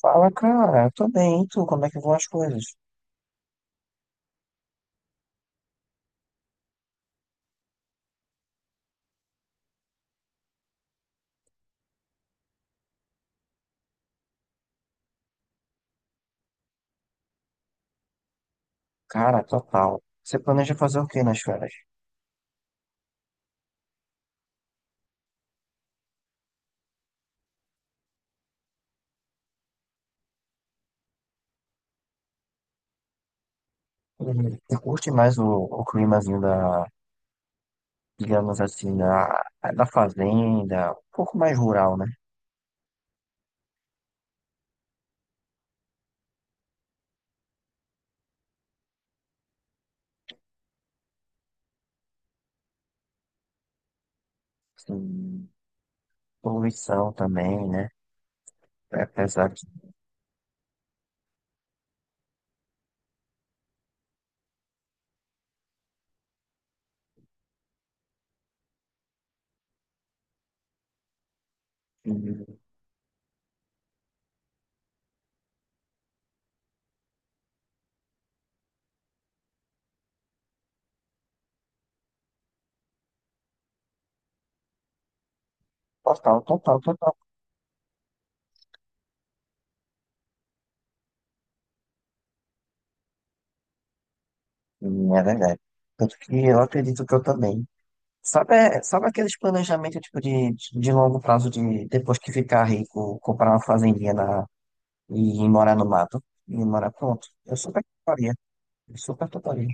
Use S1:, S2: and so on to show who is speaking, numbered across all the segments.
S1: Fala, cara, eu tô bem, e tu? Como é que vão as coisas? Cara, total. Você planeja fazer o que nas férias? Uhum. Você curte mais o climazinho digamos assim, da fazenda, um pouco mais rural, né? Assim, poluição também, né? É. Apesar de... Total, total, total. Hum. É verdade. Tanto que eu acredito que eu também. Sabe, é, sabe aqueles planejamentos tipo de longo prazo de depois que ficar rico, comprar uma fazendinha na. E ir morar no mato. E morar pronto. Eu super toparia. Eu super toparia.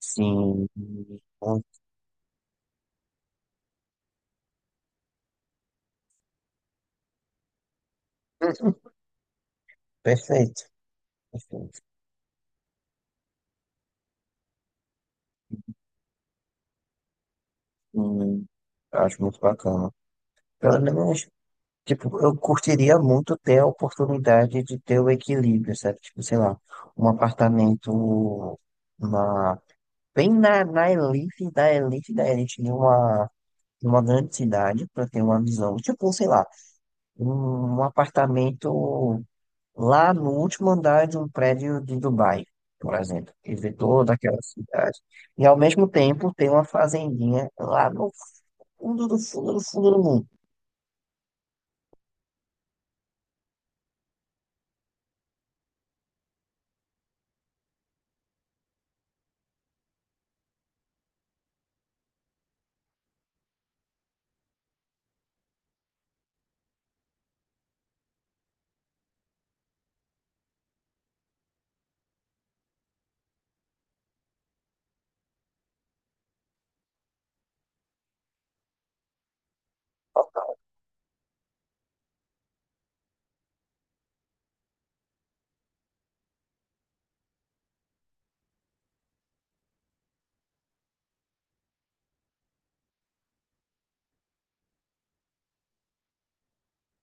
S1: Sim. Hum. Perfeito. Perfeito. Hum, eu acho muito bacana. Pelo menos, tipo, eu curtiria muito ter a oportunidade de ter o equilíbrio, sabe? Tipo, sei lá, um apartamento na, bem na elite da elite da elite de uma grande cidade, para ter uma visão. Tipo, sei lá, um apartamento lá no último andar de um prédio de Dubai, por exemplo, e vê toda aquela cidade. E ao mesmo tempo tem uma fazendinha lá no fundo do fundo do fundo do mundo.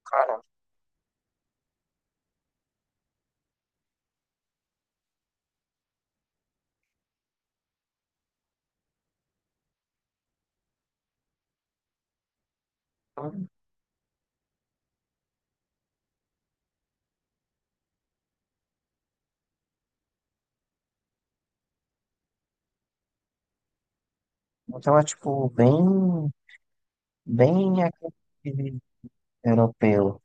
S1: Cara, então então é tipo bem, bem aquele europeu.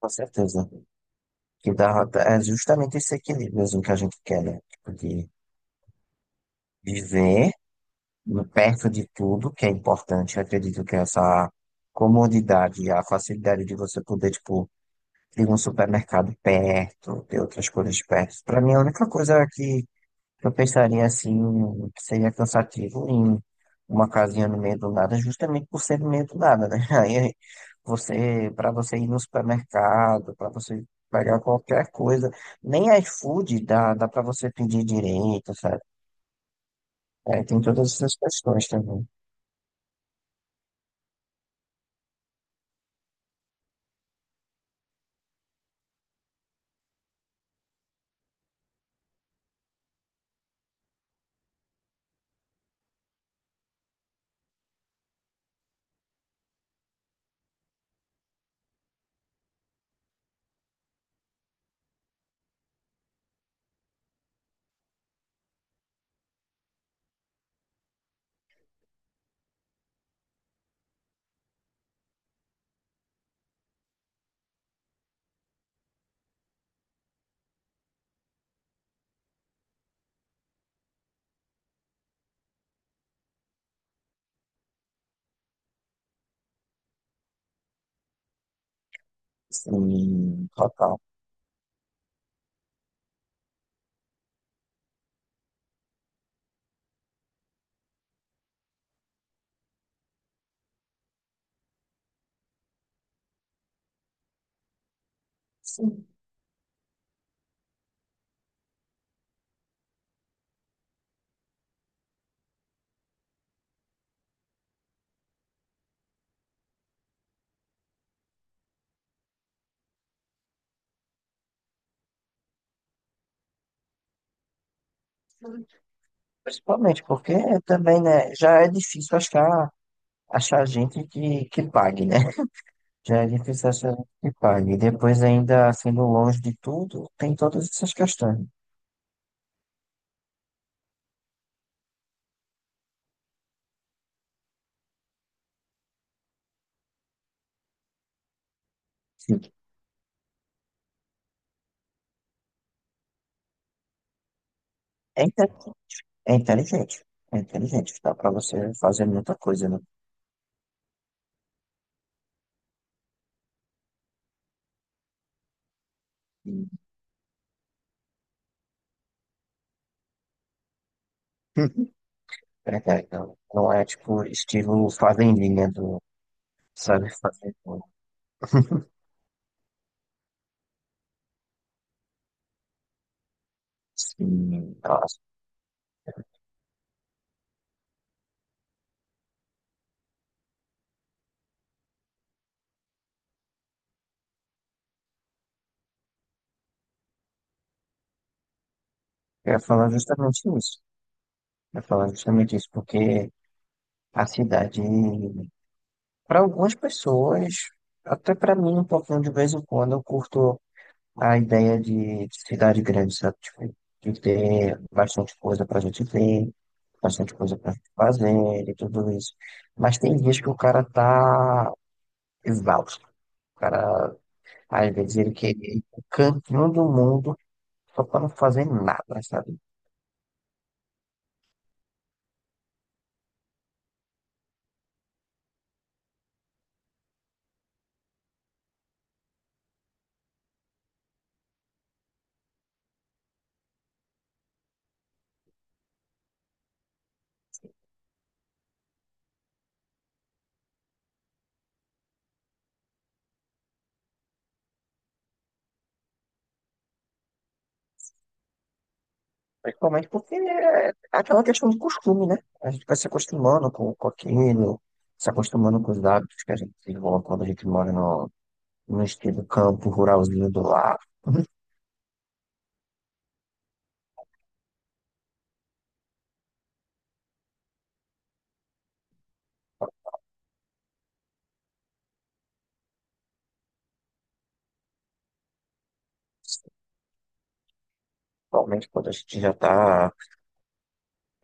S1: Com certeza. Que dá, é justamente esse equilíbrio assim, que a gente quer, né? Tipo, de viver perto de tudo que é importante. Eu acredito que essa comodidade, a facilidade de você poder, tipo, tem um supermercado perto, tem outras coisas perto. Para mim, a única coisa que eu pensaria assim, que seria cansativo em uma casinha no meio do nada, justamente por ser no meio do nada, né? Aí você, para você ir no supermercado, para você pegar qualquer coisa, nem iFood dá, dá para você pedir direito, sabe? É, tem todas essas questões também. Sim, total. Sim, principalmente porque também, né, já é difícil achar gente que pague, né? Já é difícil achar gente que pague. E depois, ainda sendo longe de tudo, tem todas essas questões, né? Sim. É, inte- é inteligente. É inteligente. Dá pra você fazer muita coisa, né? E... Verdade, não. Não é tipo estilo fazendinha do sabe fazer tudo. Sim, nossa. Eu ia falar justamente isso. Eu ia falar justamente isso, porque a cidade, para algumas pessoas, até para mim, um pouquinho de vez em quando, eu curto a ideia de cidade grande, sabe? Tipo, de ter bastante coisa pra gente ver, bastante coisa pra gente fazer e tudo isso. Mas tem dias que o cara tá exausto. O cara, às vezes, ele quer ir pro cantinho do mundo só pra não fazer nada, sabe? Principalmente porque é aquela questão de costume, né? A gente vai se acostumando com aquilo, se acostumando com os hábitos que a gente desenvolve quando a gente mora no estilo campo ruralzinho do lado. Principalmente quando a gente já tá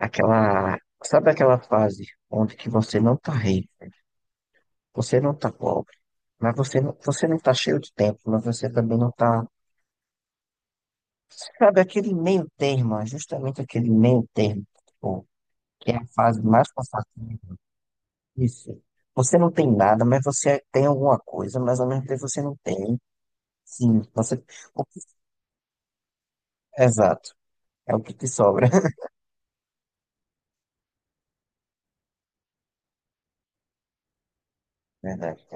S1: aquela, sabe aquela fase onde que você não tá rico, você não tá pobre, mas você não tá cheio de tempo, mas você também não tá, sabe, aquele meio termo, é justamente aquele meio termo, tipo, que é a fase mais confortável. Isso. Você não tem nada, mas você tem alguma coisa, mas ao mesmo tempo você não tem. Sim, você. o que- Exato. É o que te sobra. Verdade.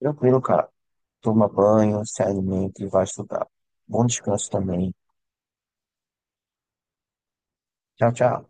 S1: Tranquilo, cara. Toma banho, se alimente e vai estudar. Bom descanso também. Tchau, tchau.